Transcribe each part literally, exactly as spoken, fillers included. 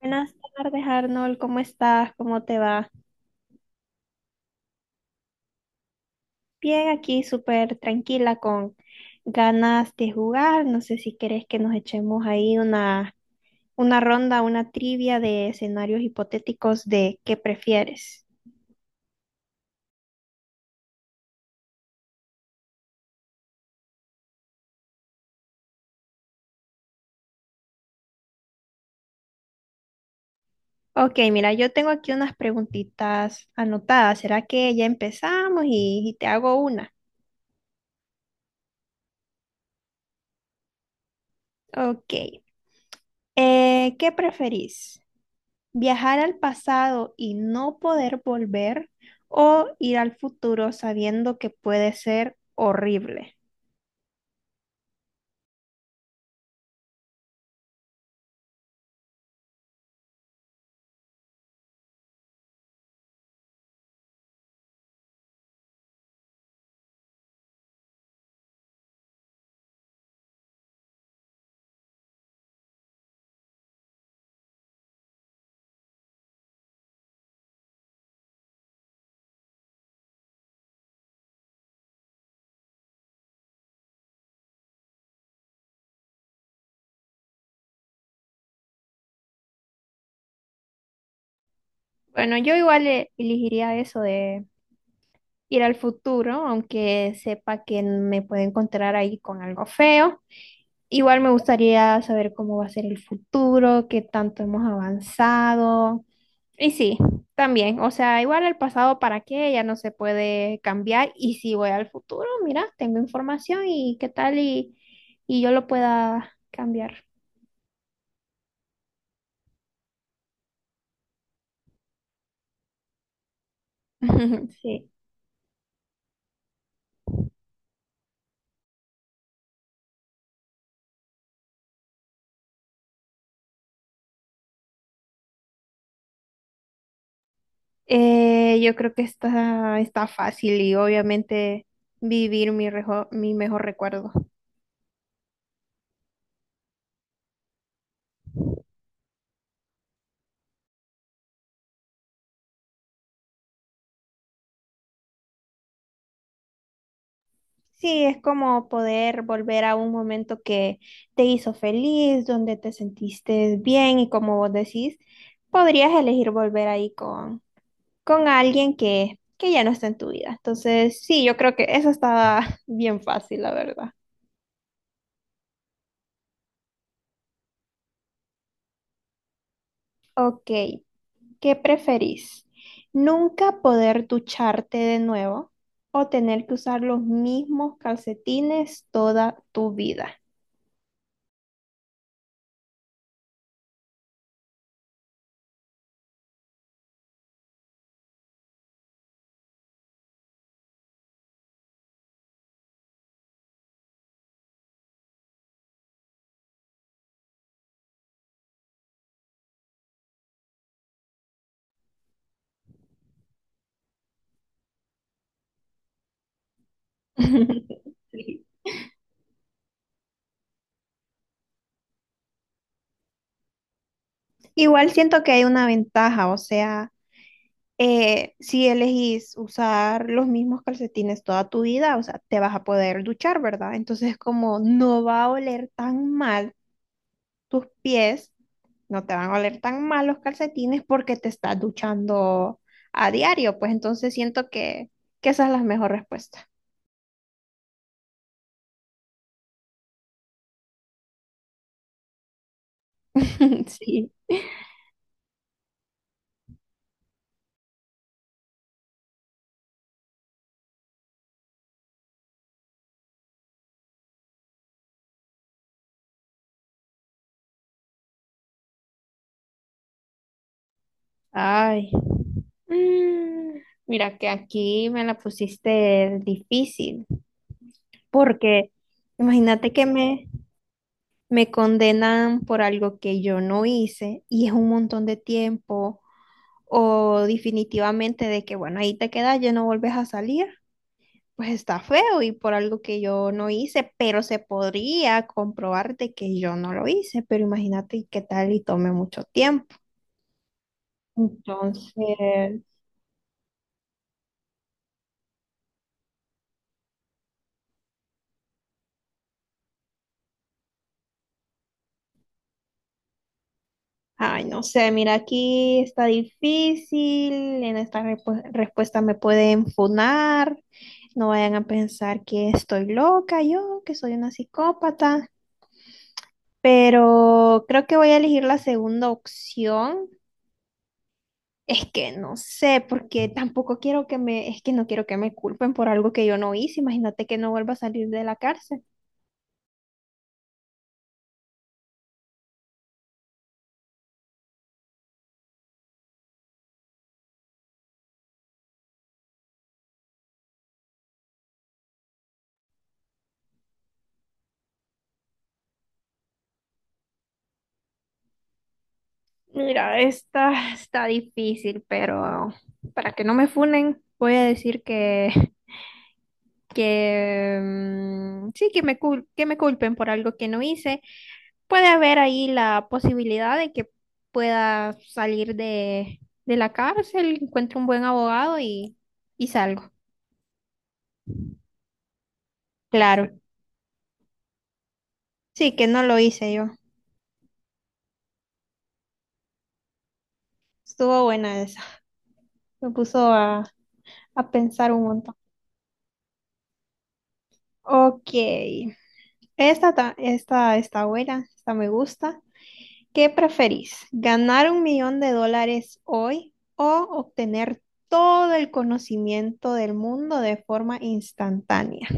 Buenas tardes, Arnold. ¿Cómo estás? ¿Cómo te va? Bien, aquí súper tranquila con ganas de jugar. No sé si querés que nos echemos ahí una, una ronda, una trivia de escenarios hipotéticos de qué prefieres. Ok, mira, yo tengo aquí unas preguntitas anotadas. ¿Será que ya empezamos y, y te hago una? Ok. Eh, ¿qué preferís? Viajar al pasado y no poder volver o ir al futuro sabiendo que puede ser horrible. Bueno, yo igual eh, elegiría eso de ir al futuro, aunque sepa que me puedo encontrar ahí con algo feo. Igual me gustaría saber cómo va a ser el futuro, qué tanto hemos avanzado, y sí, también, o sea, igual el pasado para qué, ya no se puede cambiar, y si voy al futuro, mira, tengo información y qué tal y, y yo lo pueda cambiar. Sí. Eh, yo creo que está, está fácil, y obviamente vivir mi, rejo- mi mejor recuerdo. Sí, es como poder volver a un momento que te hizo feliz, donde te sentiste bien, y como vos decís, podrías elegir volver ahí con con alguien que, que ya no está en tu vida. Entonces, sí, yo creo que eso está bien fácil, la verdad. Ok, ¿qué preferís? ¿Nunca poder ducharte de nuevo o tener que usar los mismos calcetines toda tu vida? Sí. Igual siento que hay una ventaja, o sea, eh, si elegís usar los mismos calcetines toda tu vida, o sea, te vas a poder duchar, ¿verdad? Entonces, como no va a oler tan mal tus pies, no te van a oler tan mal los calcetines, porque te estás duchando a diario, pues entonces siento que, que esa es la mejor respuesta. Sí. Ay. Mm, Mira que aquí me la pusiste difícil, porque imagínate que me, me condenan por algo que yo no hice, y es un montón de tiempo, o definitivamente de que, bueno, ahí te quedas, ya no vuelves a salir, pues está feo, y por algo que yo no hice, pero se podría comprobar de que yo no lo hice, pero imagínate y qué tal y tome mucho tiempo. Entonces, ay, no sé, mira, aquí está difícil, en esta repu- respuesta me pueden funar, no vayan a pensar que estoy loca yo, que soy una psicópata, pero creo que voy a elegir la segunda opción. Es que no sé, porque tampoco quiero que me, es que no quiero que me culpen por algo que yo no hice. Imagínate que no vuelva a salir de la cárcel. Mira, esta está difícil, pero para que no me funen, voy a decir que, que mm, sí, que me, cul- que me culpen por algo que no hice. Puede haber ahí la posibilidad de que pueda salir de, de la cárcel, encuentre un buen abogado, y, y salgo. Claro. Sí, que no lo hice yo. Estuvo buena esa. Me puso a, a pensar un montón. Ok. Esta, ta- esta está buena, esta me gusta. ¿Qué preferís? ¿Ganar un millón de dólares hoy o obtener todo el conocimiento del mundo de forma instantánea?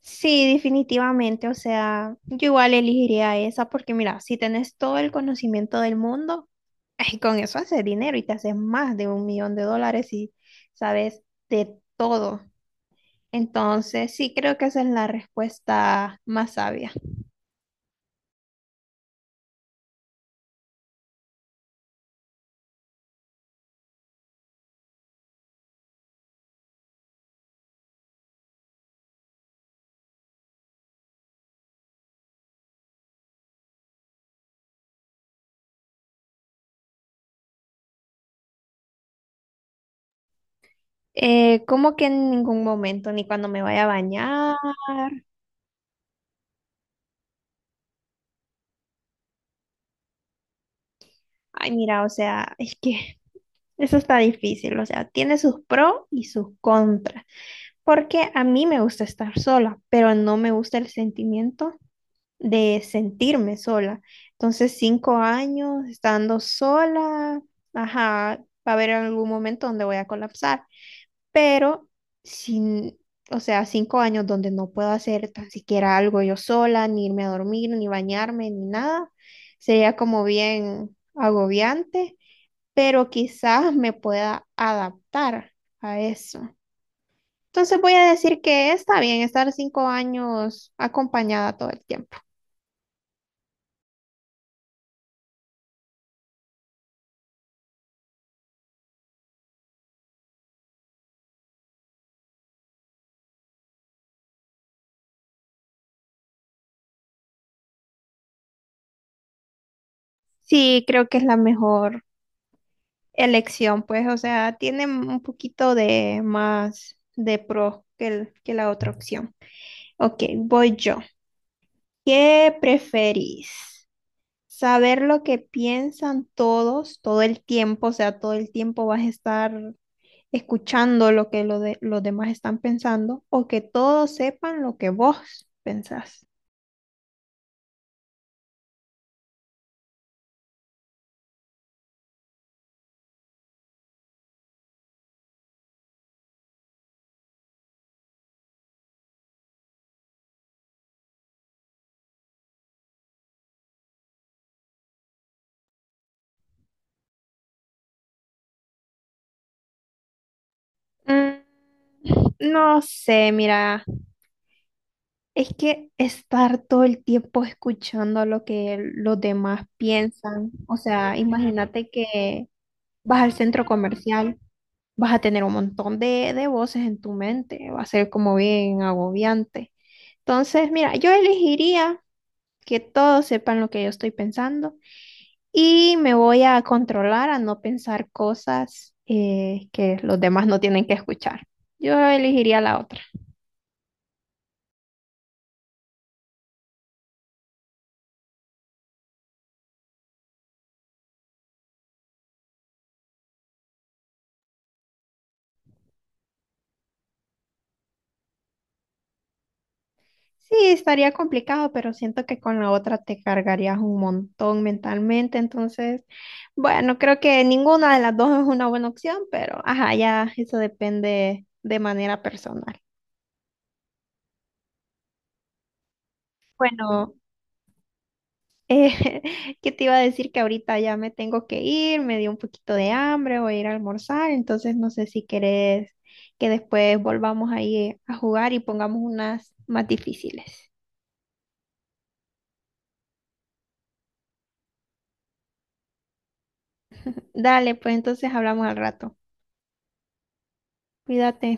Sí, definitivamente. O sea, yo igual elegiría esa, porque mira, si tenés todo el conocimiento del mundo, ay, con eso haces dinero y te haces más de un millón de dólares y sabes de todo. Entonces, sí, creo que esa es la respuesta más sabia. Eh, como que en ningún momento, ni cuando me vaya a bañar. Ay, mira, o sea, es que eso está difícil. O sea, tiene sus pros y sus contras. Porque a mí me gusta estar sola, pero no me gusta el sentimiento de sentirme sola. Entonces, cinco años estando sola, ajá, va a haber algún momento donde voy a colapsar, pero sin, o sea, cinco años donde no puedo hacer tan siquiera algo yo sola, ni irme a dormir, ni bañarme, ni nada, sería como bien agobiante, pero quizás me pueda adaptar a eso. Entonces, voy a decir que está bien estar cinco años acompañada todo el tiempo. Sí, creo que es la mejor elección, pues, o sea, tiene un poquito de más de pro que, el- que la otra opción. Ok, voy yo. ¿Qué preferís? ¿Saber lo que piensan todos todo el tiempo? O sea, todo el tiempo vas a estar escuchando lo que lo de- los demás están pensando, o que todos sepan lo que vos pensás. Mm, No sé, mira, es que estar todo el tiempo escuchando lo que los demás piensan, o sea, imagínate que vas al centro comercial, vas a tener un montón de, de voces en tu mente, va a ser como bien agobiante. Entonces, mira, yo elegiría que todos sepan lo que yo estoy pensando, y me voy a controlar a no pensar cosas eh, que los demás no tienen que escuchar. Yo elegiría la otra. Sí, estaría complicado, pero siento que con la otra te cargarías un montón mentalmente. Entonces, bueno, creo que ninguna de las dos es una buena opción, pero ajá, ya eso depende de manera personal. Bueno, eh, ¿qué te iba a decir? Que ahorita ya me tengo que ir, me dio un poquito de hambre, voy a ir a almorzar, entonces no sé si querés que después volvamos ahí a jugar y pongamos unas más difíciles. Dale, pues entonces hablamos al rato. Cuídate.